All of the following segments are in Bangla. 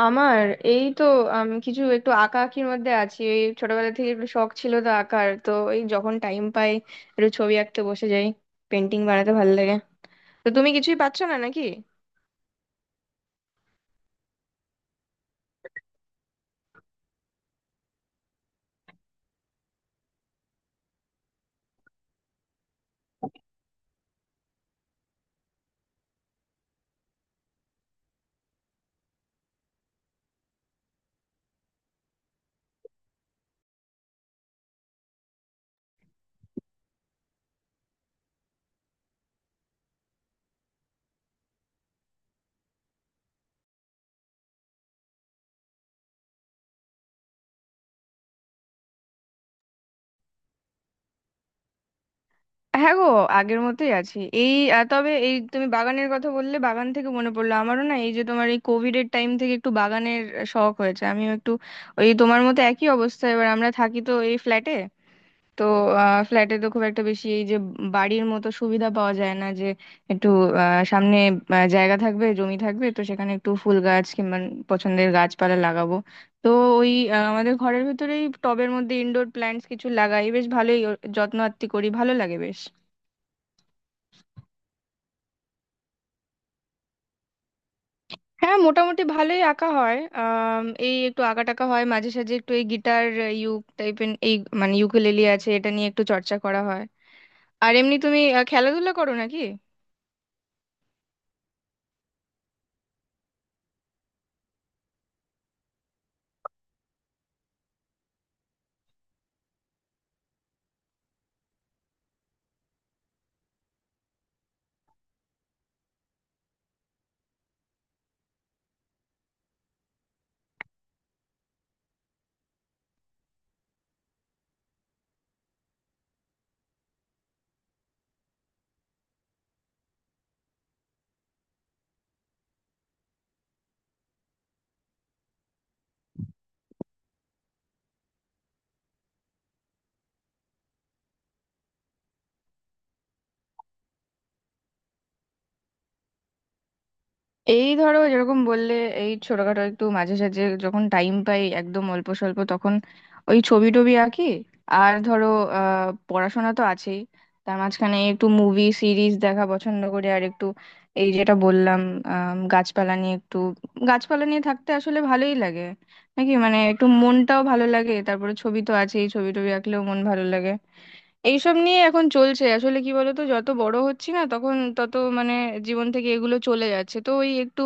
আমার এই তো কিছু একটু আঁকা আঁকির মধ্যে আছি। এই ছোটবেলা থেকে একটু শখ ছিল তো আঁকার, তো এই যখন টাইম পাই একটু ছবি আঁকতে বসে যাই। পেন্টিং বানাতে ভালো লাগে। তো তুমি কিছুই পাচ্ছ না নাকি? হ্যাঁ গো, আগের মতোই আছি। এই তবে এই তুমি বাগানের কথা বললে, বাগান থেকে মনে পড়লো আমারও। না এই যে তোমার এই কোভিড এর টাইম থেকে একটু বাগানের শখ হয়েছে আমিও একটু ওই তোমার মতো একই অবস্থা। এবার আমরা থাকি তো এই ফ্ল্যাটে, তো ফ্ল্যাটে তো খুব একটা বেশি এই যে বাড়ির মতো সুবিধা পাওয়া যায় না, যে একটু সামনে জায়গা থাকবে, জমি থাকবে, তো সেখানে একটু ফুল গাছ কিংবা পছন্দের গাছপালা লাগাবো। তো ওই আমাদের ঘরের ভিতরেই টবের মধ্যে ইনডোর প্ল্যান্টস কিছু লাগাই, বেশ ভালোই ওর যত্ন আত্তি করি, ভালো লাগে বেশ। হ্যাঁ, মোটামুটি ভালোই আঁকা হয়। এই একটু আঁকা টাকা হয় মাঝে সাঝে। একটু এই গিটার, ইউক টাইপের এই মানে ইউকেলেলি আছে, এটা নিয়ে একটু চর্চা করা হয়। আর এমনি তুমি খেলাধুলা করো নাকি? এই ধরো, যেরকম বললে এই ছোটখাটো একটু মাঝে সাঝে যখন টাইম পাই একদম অল্প স্বল্প, তখন ওই ছবি টবি আঁকি। আর ধরো পড়াশোনা তো আছেই, তার মাঝখানে একটু মুভি সিরিজ দেখা পছন্দ করি। আর একটু এই যেটা বললাম, গাছপালা নিয়ে একটু, গাছপালা নিয়ে থাকতে আসলে ভালোই লাগে। নাকি মানে একটু মনটাও ভালো লাগে। তারপরে ছবি তো আছেই, ছবি টবি আঁকলেও মন ভালো লাগে। এইসব নিয়ে এখন চলছে। আসলে কি বলতো, যত বড় হচ্ছি না তখন তত মানে জীবন থেকে এগুলো চলে যাচ্ছে, তো ওই একটু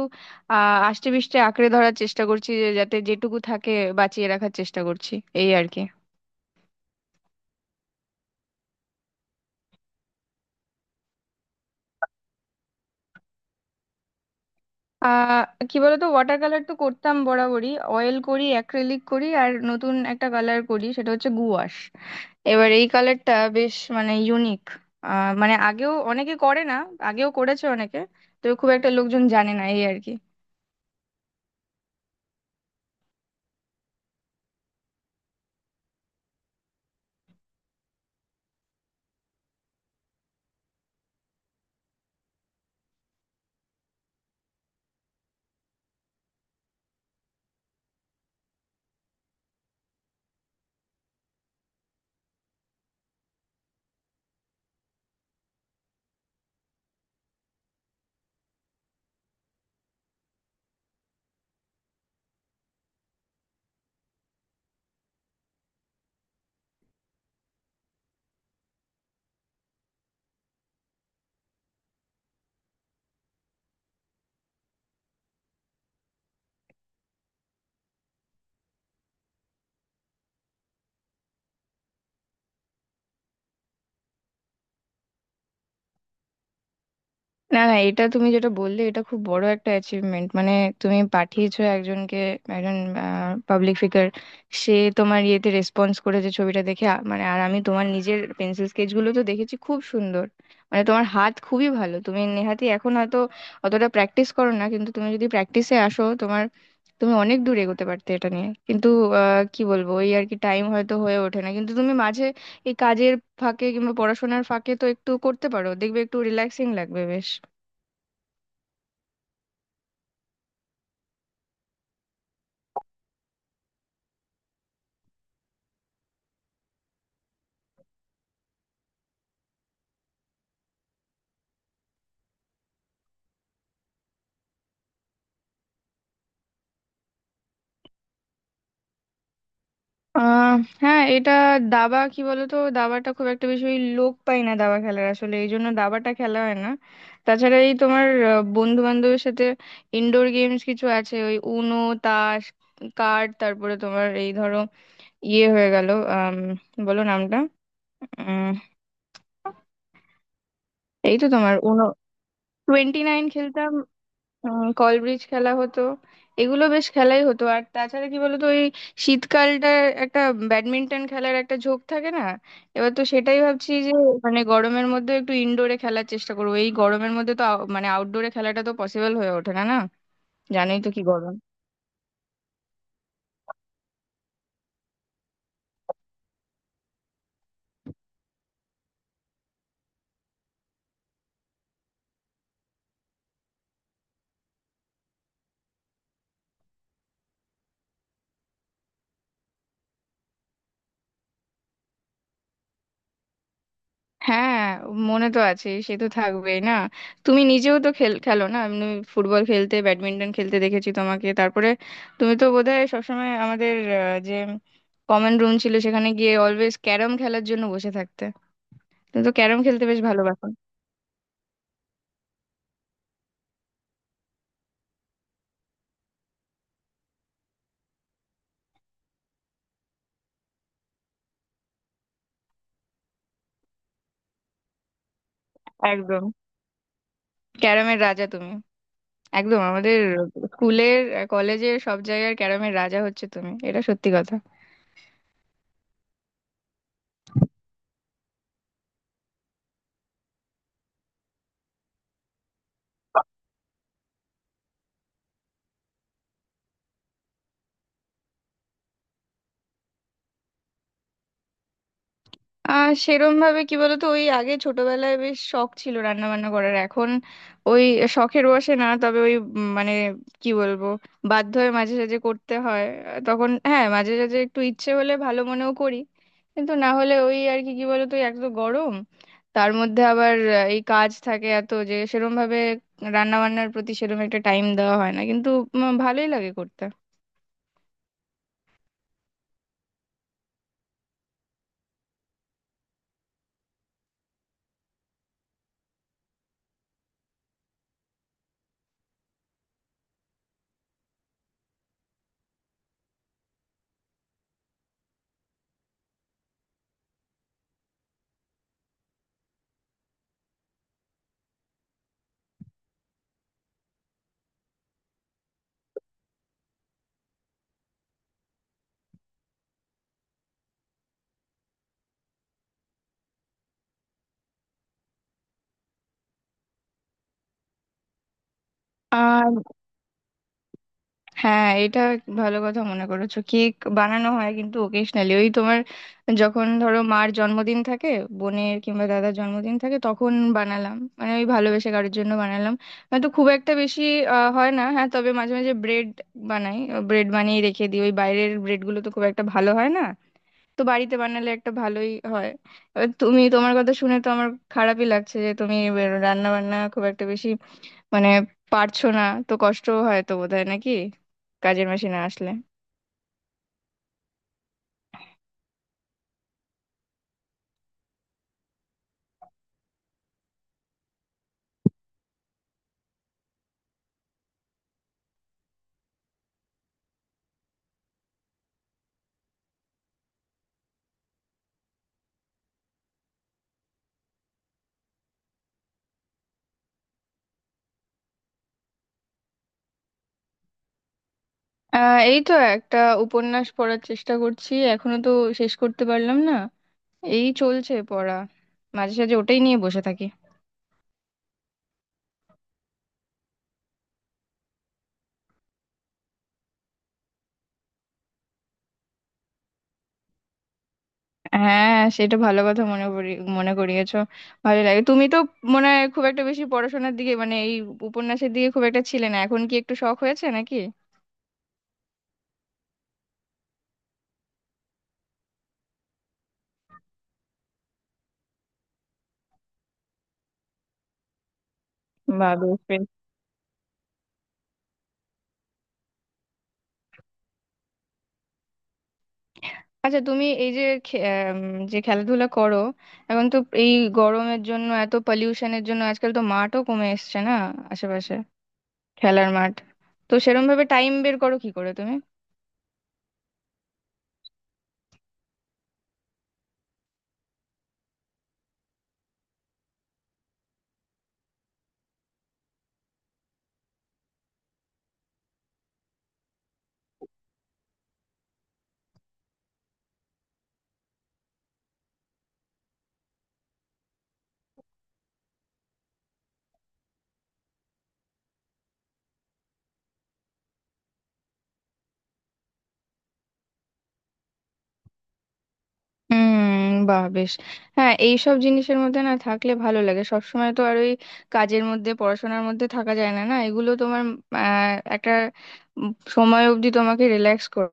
আষ্টে পিষ্টে আঁকড়ে ধরার চেষ্টা করছি, যে যাতে যেটুকু থাকে বাঁচিয়ে রাখার চেষ্টা করছি, এই আর কি। আহ কি বলতো, ওয়াটার কালার তো করতাম বরাবরই, অয়েল করি, অ্যাক্রিলিক করি, আর নতুন একটা কালার করি, সেটা হচ্ছে গুয়াশ। এবার এই কালারটা বেশ মানে ইউনিক। মানে আগেও অনেকে করে না, আগেও করেছে অনেকে, তো খুব একটা লোকজন জানে না, এই আর কি। না না, এটা তুমি যেটা বললে, এটা খুব বড় একটা অ্যাচিভমেন্ট মানে। তুমি পাঠিয়েছো একজনকে, একজন পাবলিক ফিগার, সে তোমার ইয়েতে রেসপন্স করেছে ছবিটা দেখে। মানে আর আমি তোমার নিজের পেন্সিল স্কেচগুলো তো দেখেছি, খুব সুন্দর। মানে তোমার হাত খুবই ভালো। তুমি নেহাতি এখন হয়তো অতটা প্র্যাকটিস করো না, কিন্তু তুমি যদি প্র্যাকটিসে আসো, তোমার তুমি অনেক দূর এগোতে পারতে এটা নিয়ে। কিন্তু কি বলবো, এই আর কি টাইম হয়তো হয়ে ওঠে না। কিন্তু তুমি মাঝে এই কাজের ফাঁকে কিংবা পড়াশোনার ফাঁকে তো একটু করতে পারো, দেখবে একটু রিল্যাক্সিং লাগবে বেশ। আহ হ্যাঁ, এটা দাবা, কি বলতো, দাবাটা খুব একটা বেশি ওই লোক পাই না দাবা খেলার, আসলে এই জন্য দাবাটা খেলা হয় না। তাছাড়া এই তোমার বন্ধু বান্ধবের সাথে ইনডোর গেমস কিছু আছে, ওই উনো, তাস, কার্ড, তারপরে তোমার এই ধরো ইয়ে হয়ে গেল, আহ বলো নামটা, উম এই তো তোমার উনো, টোয়েন্টি নাইন খেলতাম, কল ব্রিজ খেলা হতো। এগুলো বেশ খেলাই হতো। আর তাছাড়া কি বলতো, ওই শীতকালটা একটা ব্যাডমিন্টন খেলার একটা ঝোঁক থাকে না? এবার তো সেটাই ভাবছি যে মানে গরমের মধ্যে একটু ইনডোরে খেলার চেষ্টা করবো। এই গরমের মধ্যে তো মানে আউটডোরে খেলাটা তো পসিবল হয়ে ওঠে না না। জানোই তো কি গরম। হ্যাঁ, মনে তো আছে, সে তো থাকবেই না। তুমি নিজেও তো খেল খেলো না, আমি ফুটবল খেলতে ব্যাডমিন্টন খেলতে দেখেছি তোমাকে। তারপরে তুমি তো বোধহয় সবসময় আমাদের যে কমন রুম ছিল সেখানে গিয়ে অলওয়েজ ক্যারম খেলার জন্য বসে থাকতে, তুমি তো ক্যারম খেলতে বেশ ভালোবাসো। একদম ক্যারমের রাজা তুমি, একদম আমাদের স্কুলের, কলেজের সব জায়গার ক্যারমের রাজা হচ্ছে তুমি, এটা সত্যি কথা। সেরম ভাবে কি বলতো, ওই আগে ছোটবেলায় বেশ শখ ছিল রান্না বান্না করার, এখন ওই শখের বসে না। তবে ওই মানে কি বলবো, বাধ্য হয়ে মাঝে সাঝে করতে হয়। তখন হ্যাঁ মাঝে সাঝে একটু ইচ্ছে হলে ভালো মনেও করি, কিন্তু না হলে ওই আর কি। কি বলতো, ওই এক তো গরম, তার মধ্যে আবার এই কাজ থাকে এত, যে সেরম ভাবে রান্না বান্নার প্রতি সেরম একটা টাইম দেওয়া হয় না। কিন্তু ভালোই লাগে করতে। আর হ্যাঁ, এটা ভালো কথা মনে করেছো, কেক বানানো হয় কিন্তু ওকেশনালি। ওই তোমার যখন ধরো মার জন্মদিন থাকে, বোনের কিংবা দাদার জন্মদিন থাকে, তখন বানালাম মানে ওই ভালোবেসে কারোর জন্য বানালাম। হয়তো খুব একটা বেশি হয় না। হ্যাঁ, তবে মাঝে মাঝে ব্রেড বানাই, ব্রেড বানিয়ে রেখে দিই, ওই বাইরের ব্রেডগুলো তো খুব একটা ভালো হয় না, তো বাড়িতে বানালে একটা ভালোই হয়। এবার তুমি তোমার কথা শুনে তো আমার খারাপই লাগছে, যে তুমি রান্না বান্না খুব একটা বেশি মানে পারছো না, তো কষ্ট হয় তো বোধহয় নাকি, কাজের মাসে না আসলে। এই তো একটা উপন্যাস পড়ার চেষ্টা করছি, এখনো তো শেষ করতে পারলাম না। এই চলছে পড়া, মাঝে সাঝে ওটাই নিয়ে বসে থাকি। হ্যাঁ, সেটা ভালো কথা মনে করি, মনে করিয়েছো, ভালো লাগে। তুমি তো মনে হয় খুব একটা বেশি পড়াশোনার দিকে মানে এই উপন্যাসের দিকে খুব একটা ছিলে না, এখন কি একটু শখ হয়েছে নাকি? বা আচ্ছা, তুমি এই যে যে খেলাধুলা করো, এখন তো এই গরমের জন্য এত পলিউশনের জন্য আজকাল তো মাঠও কমে এসছে না আশেপাশে খেলার মাঠ, তো সেরম ভাবে টাইম বের করো কি করে তুমি? হুম, বাহ বেশ। হ্যাঁ, এইসব জিনিসের মধ্যে না থাকলে ভালো লাগে, সব সময় তো আর ওই কাজের মধ্যে পড়াশোনার মধ্যে থাকা যায় না না, এগুলো তোমার আহ, একটা উম, সময় অবধি তোমাকে রিল্যাক্স